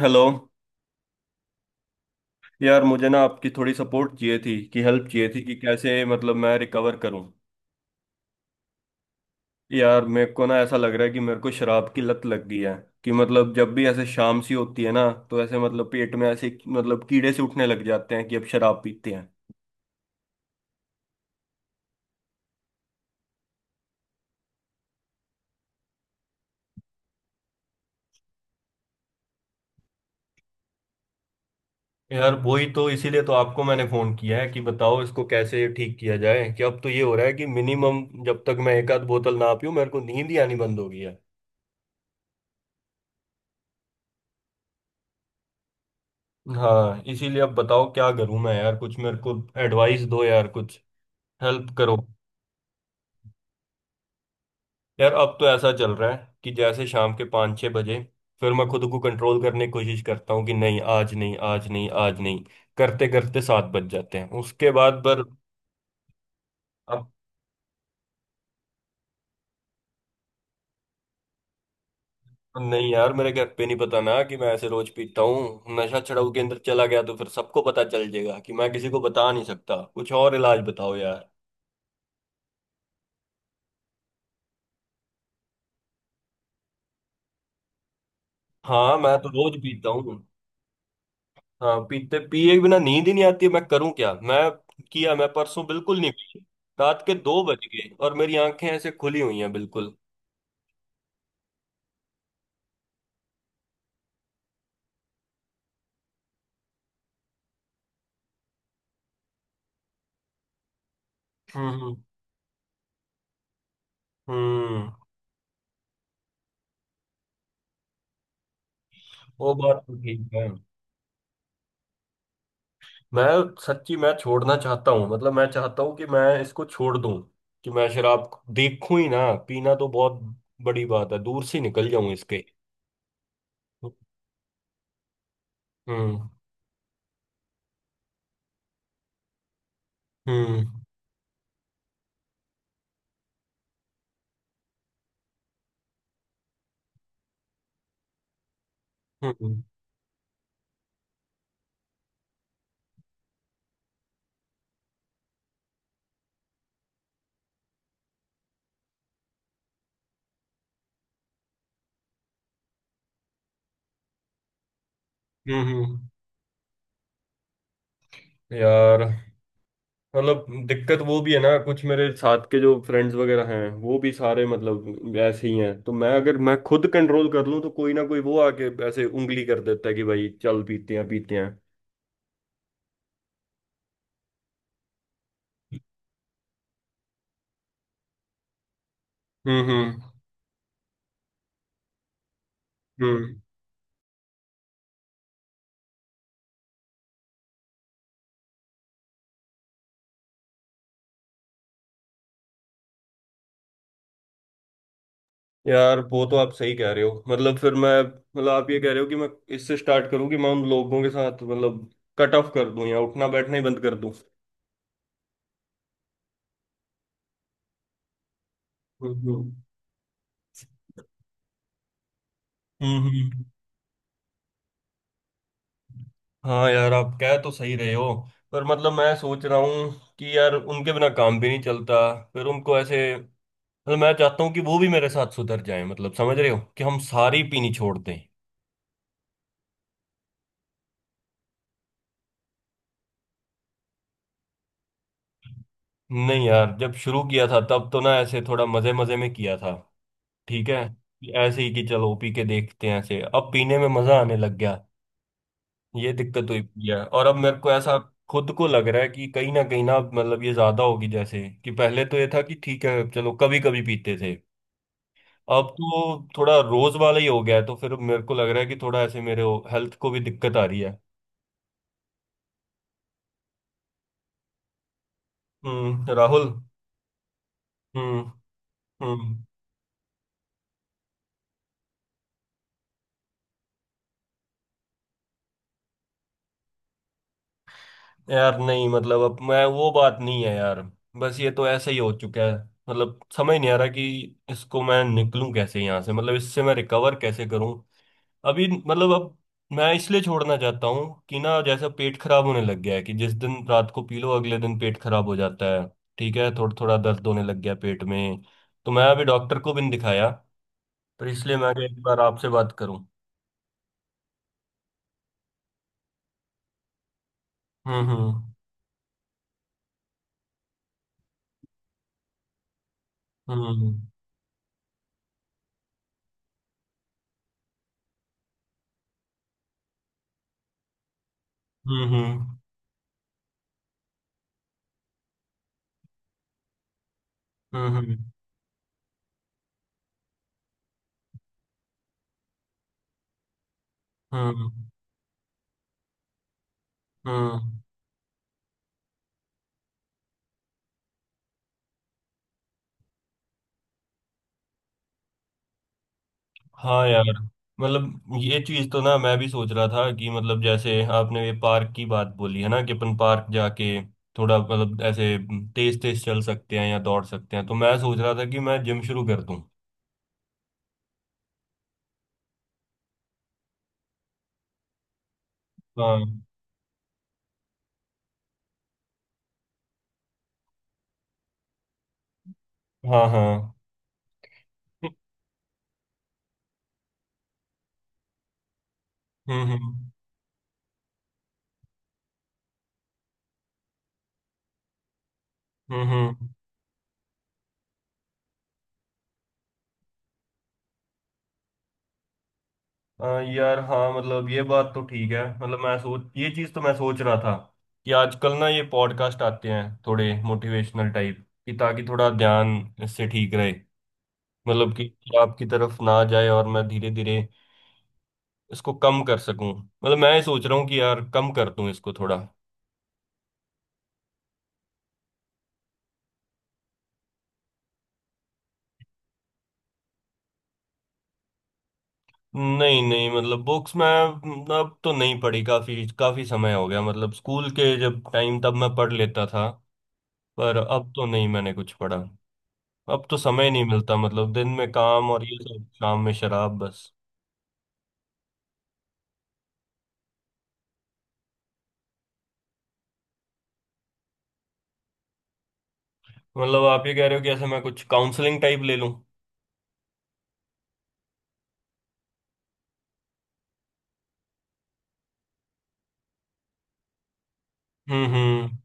Hello. यार मुझे ना आपकी थोड़ी सपोर्ट चाहिए थी कि हेल्प चाहिए थी कि कैसे मतलब मैं रिकवर करूं। यार मेरे को ना ऐसा लग रहा है कि मेरे को शराब की लत लग गई है। कि मतलब जब भी ऐसे शाम सी होती है ना तो ऐसे मतलब पेट में ऐसे मतलब कीड़े से उठने लग जाते हैं कि अब शराब पीते हैं। यार वही तो इसीलिए तो आपको मैंने फोन किया है कि बताओ इसको कैसे ठीक किया जाए कि अब तो ये हो रहा है कि मिनिमम जब तक मैं एक आध बोतल ना पीऊं मेरे को नींद ही आनी बंद हो गई है। हाँ इसीलिए अब बताओ क्या करूं मैं। यार कुछ मेरे को एडवाइस दो यार। कुछ हेल्प करो। यार अब तो ऐसा चल रहा है कि जैसे शाम के 5-6 बजे फिर मैं खुद को कंट्रोल करने की कोशिश करता हूँ कि नहीं आज नहीं आज नहीं आज नहीं करते करते 7 बज जाते हैं उसके बाद पर। अब। नहीं यार मेरे घर पे नहीं पता ना कि मैं ऐसे रोज पीता हूँ। नशा छुड़ाऊ के अंदर चला गया तो फिर सबको पता चल जाएगा कि मैं किसी को बता नहीं सकता। कुछ और इलाज बताओ यार। हाँ मैं तो रोज पीता हूँ। हाँ पीते पिए बिना नींद ही नहीं आती है। मैं करूं क्या मैं किया। मैं परसों बिल्कुल नहीं पी। रात के 2 बज गए और मेरी आंखें ऐसे खुली हुई हैं बिल्कुल। हम्म। हम्म। वो बात तो ठीक है। मैं सच्ची मैं छोड़ना चाहता हूँ मतलब मैं चाहता हूँ कि मैं इसको छोड़ दूं। कि मैं शराब को देखूं ही ना। पीना तो बहुत बड़ी बात है दूर से निकल जाऊं इसके। हम्म। हम्म। हम्म। हम्म। हम्म। यार मतलब दिक्कत वो भी है ना कुछ मेरे साथ के जो फ्रेंड्स वगैरह हैं वो भी सारे मतलब ऐसे ही हैं तो मैं अगर मैं खुद कंट्रोल कर लूं तो कोई ना कोई वो आके ऐसे उंगली कर देता है कि भाई चल पीते हैं पीते हैं। हम्म। हम्म। हम्म। यार वो तो आप सही कह रहे हो मतलब फिर मैं मतलब आप ये कह रहे हो कि मैं इससे स्टार्ट करूं कि मैं उन लोगों के साथ मतलब कट ऑफ कर दूं या उठना बैठना ही बंद कर दूं। हम्म। हम्म। हम्म। हम्म। हाँ यार आप कह तो सही रहे हो पर मतलब मैं सोच रहा हूँ कि यार उनके बिना काम भी नहीं चलता। फिर उनको ऐसे मतलब मैं चाहता हूँ कि वो भी मेरे साथ सुधर जाए मतलब समझ रहे हो कि हम सारी पीनी छोड़ दें। नहीं यार जब शुरू किया था तब तो ना ऐसे थोड़ा मजे मजे में किया था। ठीक है कि ऐसे ही कि चलो पी के देखते हैं ऐसे अब पीने में मजा आने लग गया। ये दिक्कत हुई पड़ी है और अब मेरे को ऐसा खुद को लग रहा है कि कहीं ना मतलब ये ज्यादा होगी जैसे कि पहले तो ये था कि ठीक है चलो कभी कभी पीते थे। अब तो थोड़ा रोज वाला ही हो गया है तो फिर मेरे को लग रहा है कि थोड़ा ऐसे मेरे हेल्थ को भी दिक्कत आ रही है। हम्म। राहुल। हम्म। हम्म। यार नहीं मतलब अब मैं वो बात नहीं है यार। बस ये तो ऐसे ही हो चुका है मतलब समझ नहीं आ रहा कि इसको मैं निकलूं कैसे यहाँ से मतलब इससे मैं रिकवर कैसे करूं। अभी मतलब अब मैं इसलिए छोड़ना चाहता हूँ कि ना जैसा पेट खराब होने लग गया है कि जिस दिन रात को पी लो अगले दिन पेट खराब हो जाता है। ठीक है थोड़ा थोड़ा दर्द होने लग गया पेट में। तो मैं अभी डॉक्टर को भी नहीं दिखाया तो इसलिए मैं एक बार आपसे बात करूं। हम्म। हम्म। हम्म। हम्म। हम्म। हम्म। हम्म। हम्म। हम्म। हाँ यार मतलब ये चीज तो ना मैं भी सोच रहा था कि मतलब जैसे आपने ये पार्क की बात बोली है ना कि अपन पार्क जाके थोड़ा मतलब ऐसे तेज तेज चल सकते हैं या दौड़ सकते हैं तो मैं सोच रहा था कि मैं जिम शुरू कर दूं। हाँ। हाँ। हाँ। हम्म। हम्म। हम्म। हम्म। हाँ, यार हाँ मतलब ये बात तो ठीक है मतलब मैं सोच ये चीज तो मैं सोच रहा था कि आजकल ना ये पॉडकास्ट आते हैं थोड़े मोटिवेशनल टाइप कि ताकि थोड़ा ध्यान इससे ठीक रहे मतलब कि आपकी तरफ ना जाए और मैं धीरे धीरे इसको कम कर सकूं मतलब मैं ये सोच रहा हूँ कि यार कम कर दूं इसको थोड़ा। नहीं नहीं मतलब बुक्स मैं अब तो नहीं पढ़ी काफी काफी समय हो गया मतलब स्कूल के जब टाइम तब मैं पढ़ लेता था। पर अब तो नहीं मैंने कुछ पढ़ा। अब तो समय नहीं मिलता मतलब दिन में काम और ये सब शाम में शराब बस। मतलब आप ये कह रहे हो कि ऐसे मैं कुछ काउंसलिंग टाइप ले लूं? हम्म। हम्म।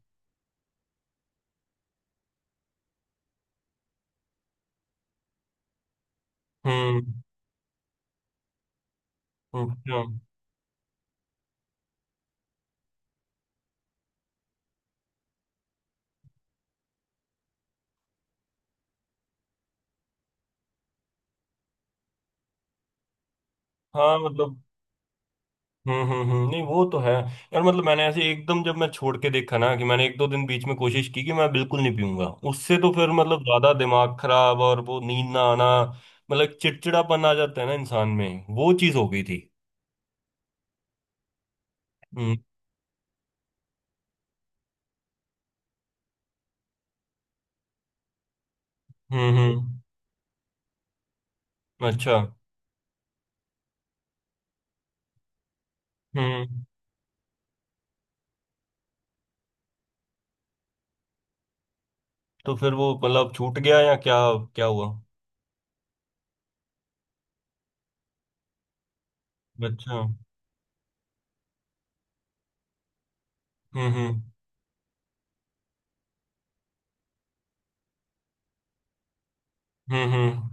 हम्म। हम्म। हाँ मतलब। हम्म। हम्म। नहीं वो तो है यार मतलब मैंने ऐसे एकदम जब मैं छोड़ के देखा ना कि मैंने एक दो दिन बीच में कोशिश की कि मैं बिल्कुल नहीं पीऊंगा उससे तो फिर मतलब ज्यादा दिमाग खराब और वो नींद ना आना। मतलब चिड़चिड़ापन आ जाता है ना इंसान में वो चीज हो गई थी। हम्म। हम्म। हम्म। अच्छा। हम्म। तो फिर वो मतलब छूट गया या क्या? क्या हुआ? अच्छा। हम्म। हम्म। हम्म। हम्म।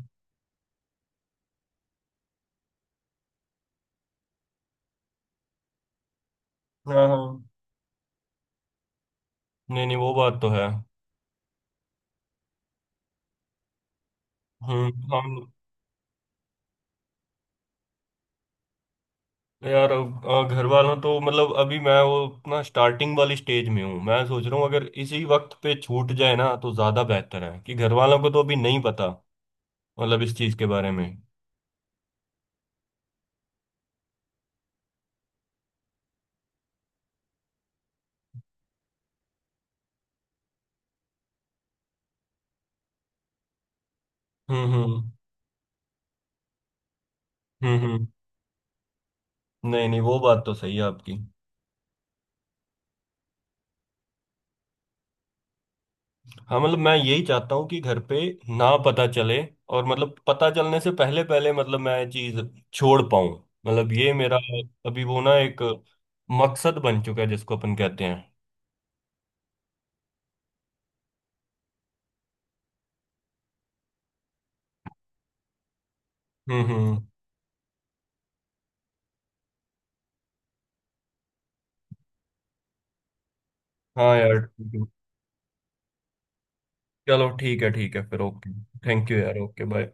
हाँ। हाँ। नहीं नहीं वो बात तो है। हम्म। हाँ। यार अब, घर वालों तो मतलब अभी मैं वो अपना स्टार्टिंग वाली स्टेज में हूँ। मैं सोच रहा हूँ अगर इसी वक्त पे छूट जाए ना तो ज्यादा बेहतर है कि घर वालों को तो अभी नहीं पता मतलब इस चीज के बारे में। हम्म। हम्म। हम्म। हम्म। नहीं नहीं वो बात तो सही है आपकी। हाँ मतलब मैं यही चाहता हूँ कि घर पे ना पता चले और मतलब पता चलने से पहले पहले मतलब मैं चीज छोड़ पाऊँ। मतलब ये मेरा अभी वो ना एक मकसद बन चुका है जिसको अपन कहते हैं। हम्म। हम्म। हाँ यार चलो ठीक है फिर ओके। थैंक यू यार। Okay bye.